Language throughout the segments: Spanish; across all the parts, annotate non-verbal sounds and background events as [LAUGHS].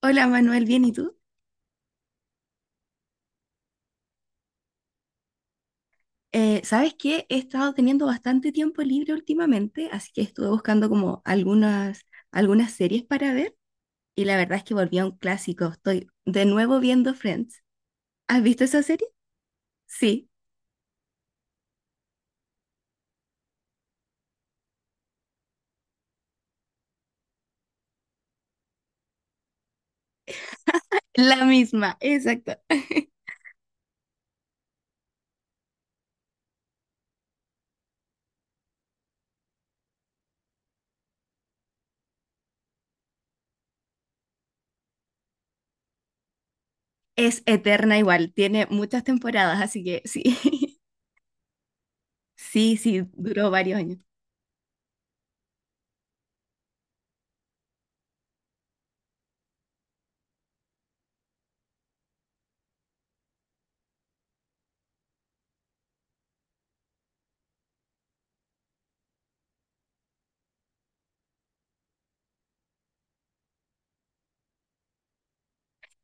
Hola Manuel, bien, ¿y tú? ¿Sabes qué? He estado teniendo bastante tiempo libre últimamente, así que estuve buscando como algunas series para ver y la verdad es que volví a un clásico. Estoy de nuevo viendo Friends. ¿Has visto esa serie? Sí, la misma, exacto. [LAUGHS] Es eterna igual, tiene muchas temporadas, así que sí, [LAUGHS] sí, sí, duró varios años.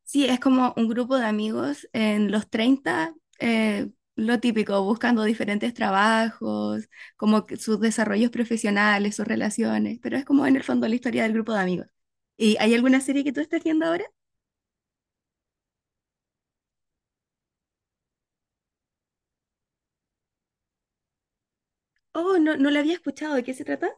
Sí, es como un grupo de amigos en los 30, lo típico, buscando diferentes trabajos, como que sus desarrollos profesionales, sus relaciones, pero es como en el fondo la historia del grupo de amigos. ¿Y hay alguna serie que tú estés viendo ahora? Oh, no, no la había escuchado, ¿de qué se trata?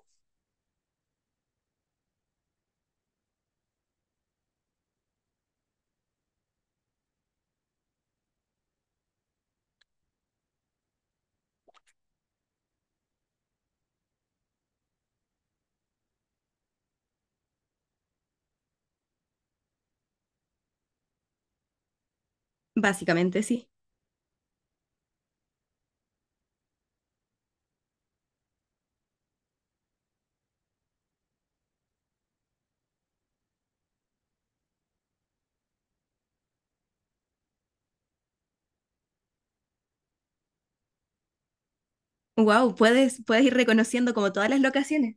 Básicamente sí. Wow, puedes ir reconociendo como todas las locaciones.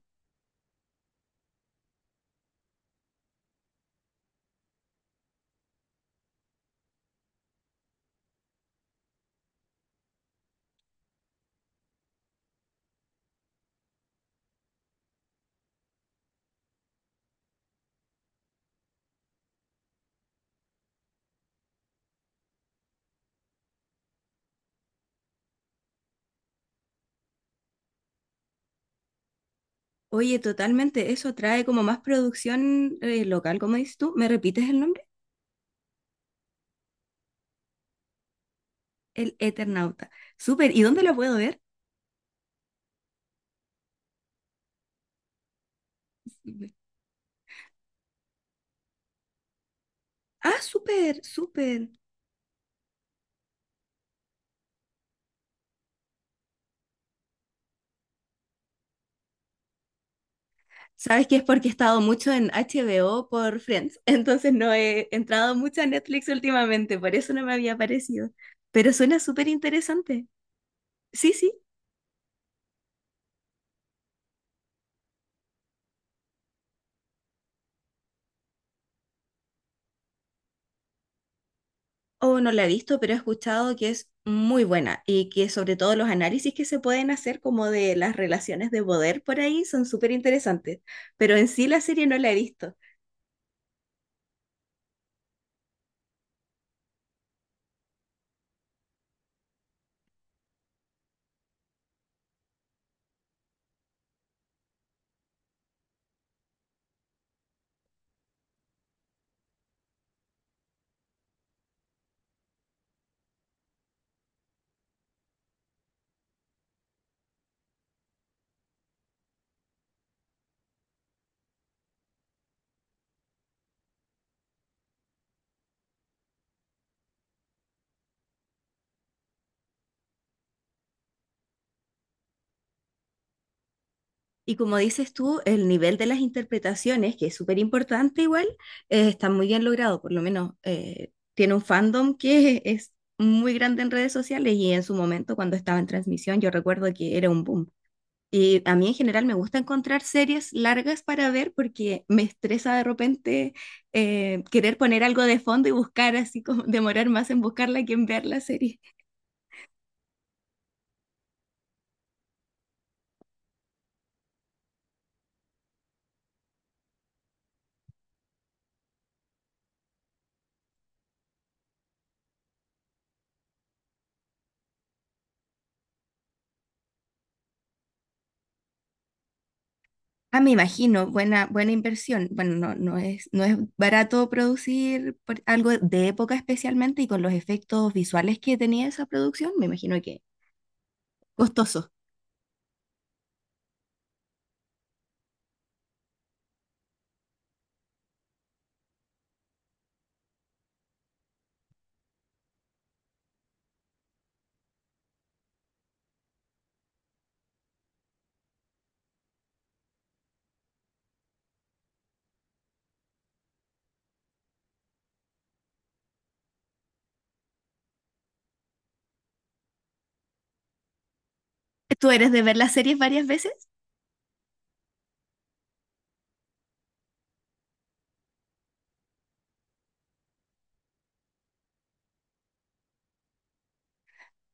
Oye, totalmente, eso trae como más producción local, como dices tú. ¿Me repites el nombre? El Eternauta. Súper, ¿y dónde lo puedo ver? Ah, súper, súper. Sabes que es porque he estado mucho en HBO por Friends, [LAUGHS] entonces no he entrado mucho a Netflix últimamente, por eso no me había aparecido. Pero suena súper interesante. Sí, sí, o no la he visto, pero he escuchado que es muy buena y que sobre todo los análisis que se pueden hacer como de las relaciones de poder por ahí son súper interesantes. Pero en sí la serie no la he visto. Y como dices tú, el nivel de las interpretaciones, que es súper importante igual, está muy bien logrado, por lo menos tiene un fandom que [LAUGHS] es muy grande en redes sociales y en su momento cuando estaba en transmisión yo recuerdo que era un boom. Y a mí en general me gusta encontrar series largas para ver porque me estresa de repente querer poner algo de fondo y buscar así como demorar más en buscarla que en ver la serie. Ah, me imagino, buena, buena inversión. Bueno, no, no es barato producir algo de época especialmente y con los efectos visuales que tenía esa producción, me imagino que costoso. Tú eres de ver las series varias veces,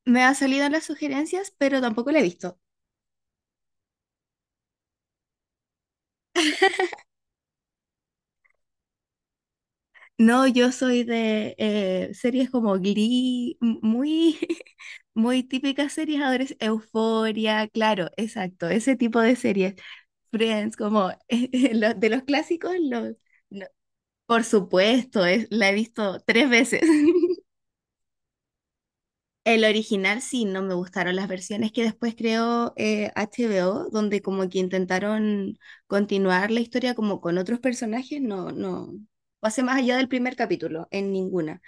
me ha salido las sugerencias, pero tampoco la he visto. No, yo soy de series como Glee, muy, [LAUGHS] muy típicas series adolescentes, Euforia, claro, exacto, ese tipo de series. Friends, como [LAUGHS] de los clásicos, los... no, por supuesto, es, la he visto tres veces. [LAUGHS] El original sí, no me gustaron las versiones que después creó HBO, donde como que intentaron continuar la historia como con otros personajes, no, no pasé más allá del primer capítulo, en ninguna.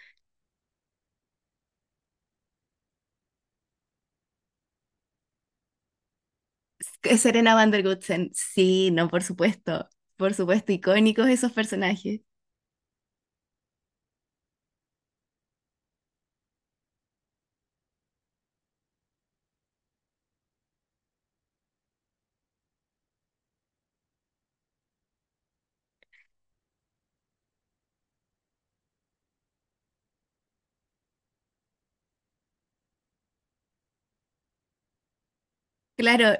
Que Serena van der Gutsen, sí, no, por supuesto, icónicos esos personajes. Claro,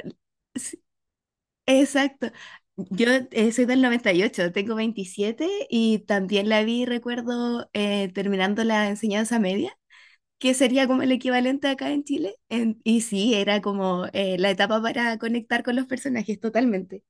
exacto. Yo soy del 98, tengo 27 y también la vi, recuerdo, terminando la enseñanza media, que sería como el equivalente acá en Chile. Y sí, era como la etapa para conectar con los personajes totalmente.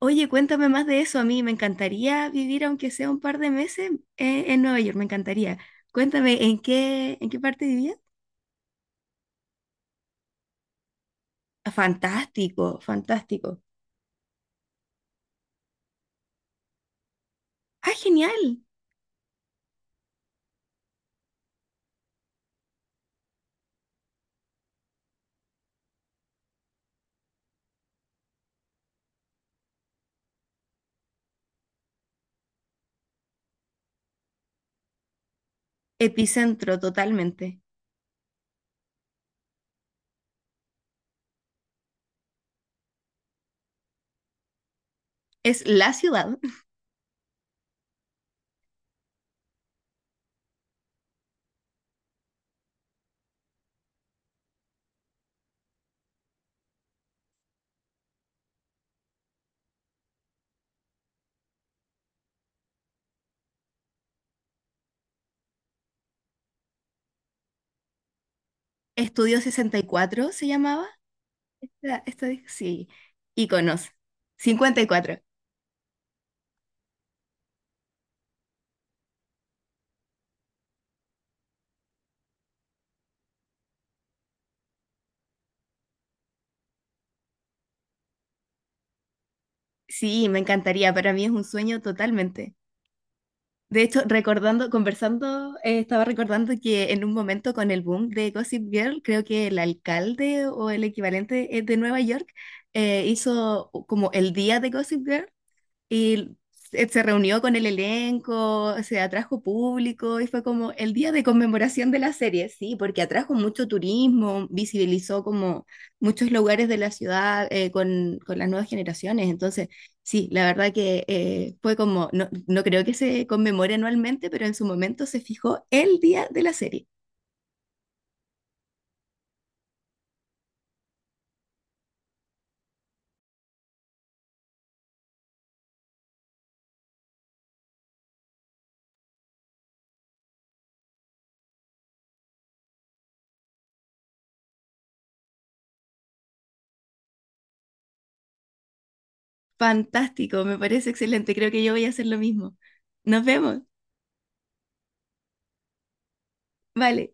Oye, cuéntame más de eso. A mí me encantaría vivir, aunque sea un par de meses, en Nueva York, me encantaría. Cuéntame, ¿en qué parte vivías? Ah, fantástico, fantástico. Ah, genial. Epicentro totalmente. Es la ciudad. Estudio 64 se llamaba. Sí, íconos. 54. Sí, me encantaría. Para mí es un sueño totalmente. De hecho, recordando, conversando, estaba recordando que en un momento con el boom de Gossip Girl, creo que el alcalde o el equivalente de Nueva York hizo como el día de Gossip Girl. Y se reunió con el elenco, se atrajo público y fue como el día de conmemoración de la serie, sí, porque atrajo mucho turismo, visibilizó como muchos lugares de la ciudad con las nuevas generaciones. Entonces, sí, la verdad que fue como, no, no creo que se conmemore anualmente, pero en su momento se fijó el día de la serie. Fantástico, me parece excelente. Creo que yo voy a hacer lo mismo. Nos vemos. Vale.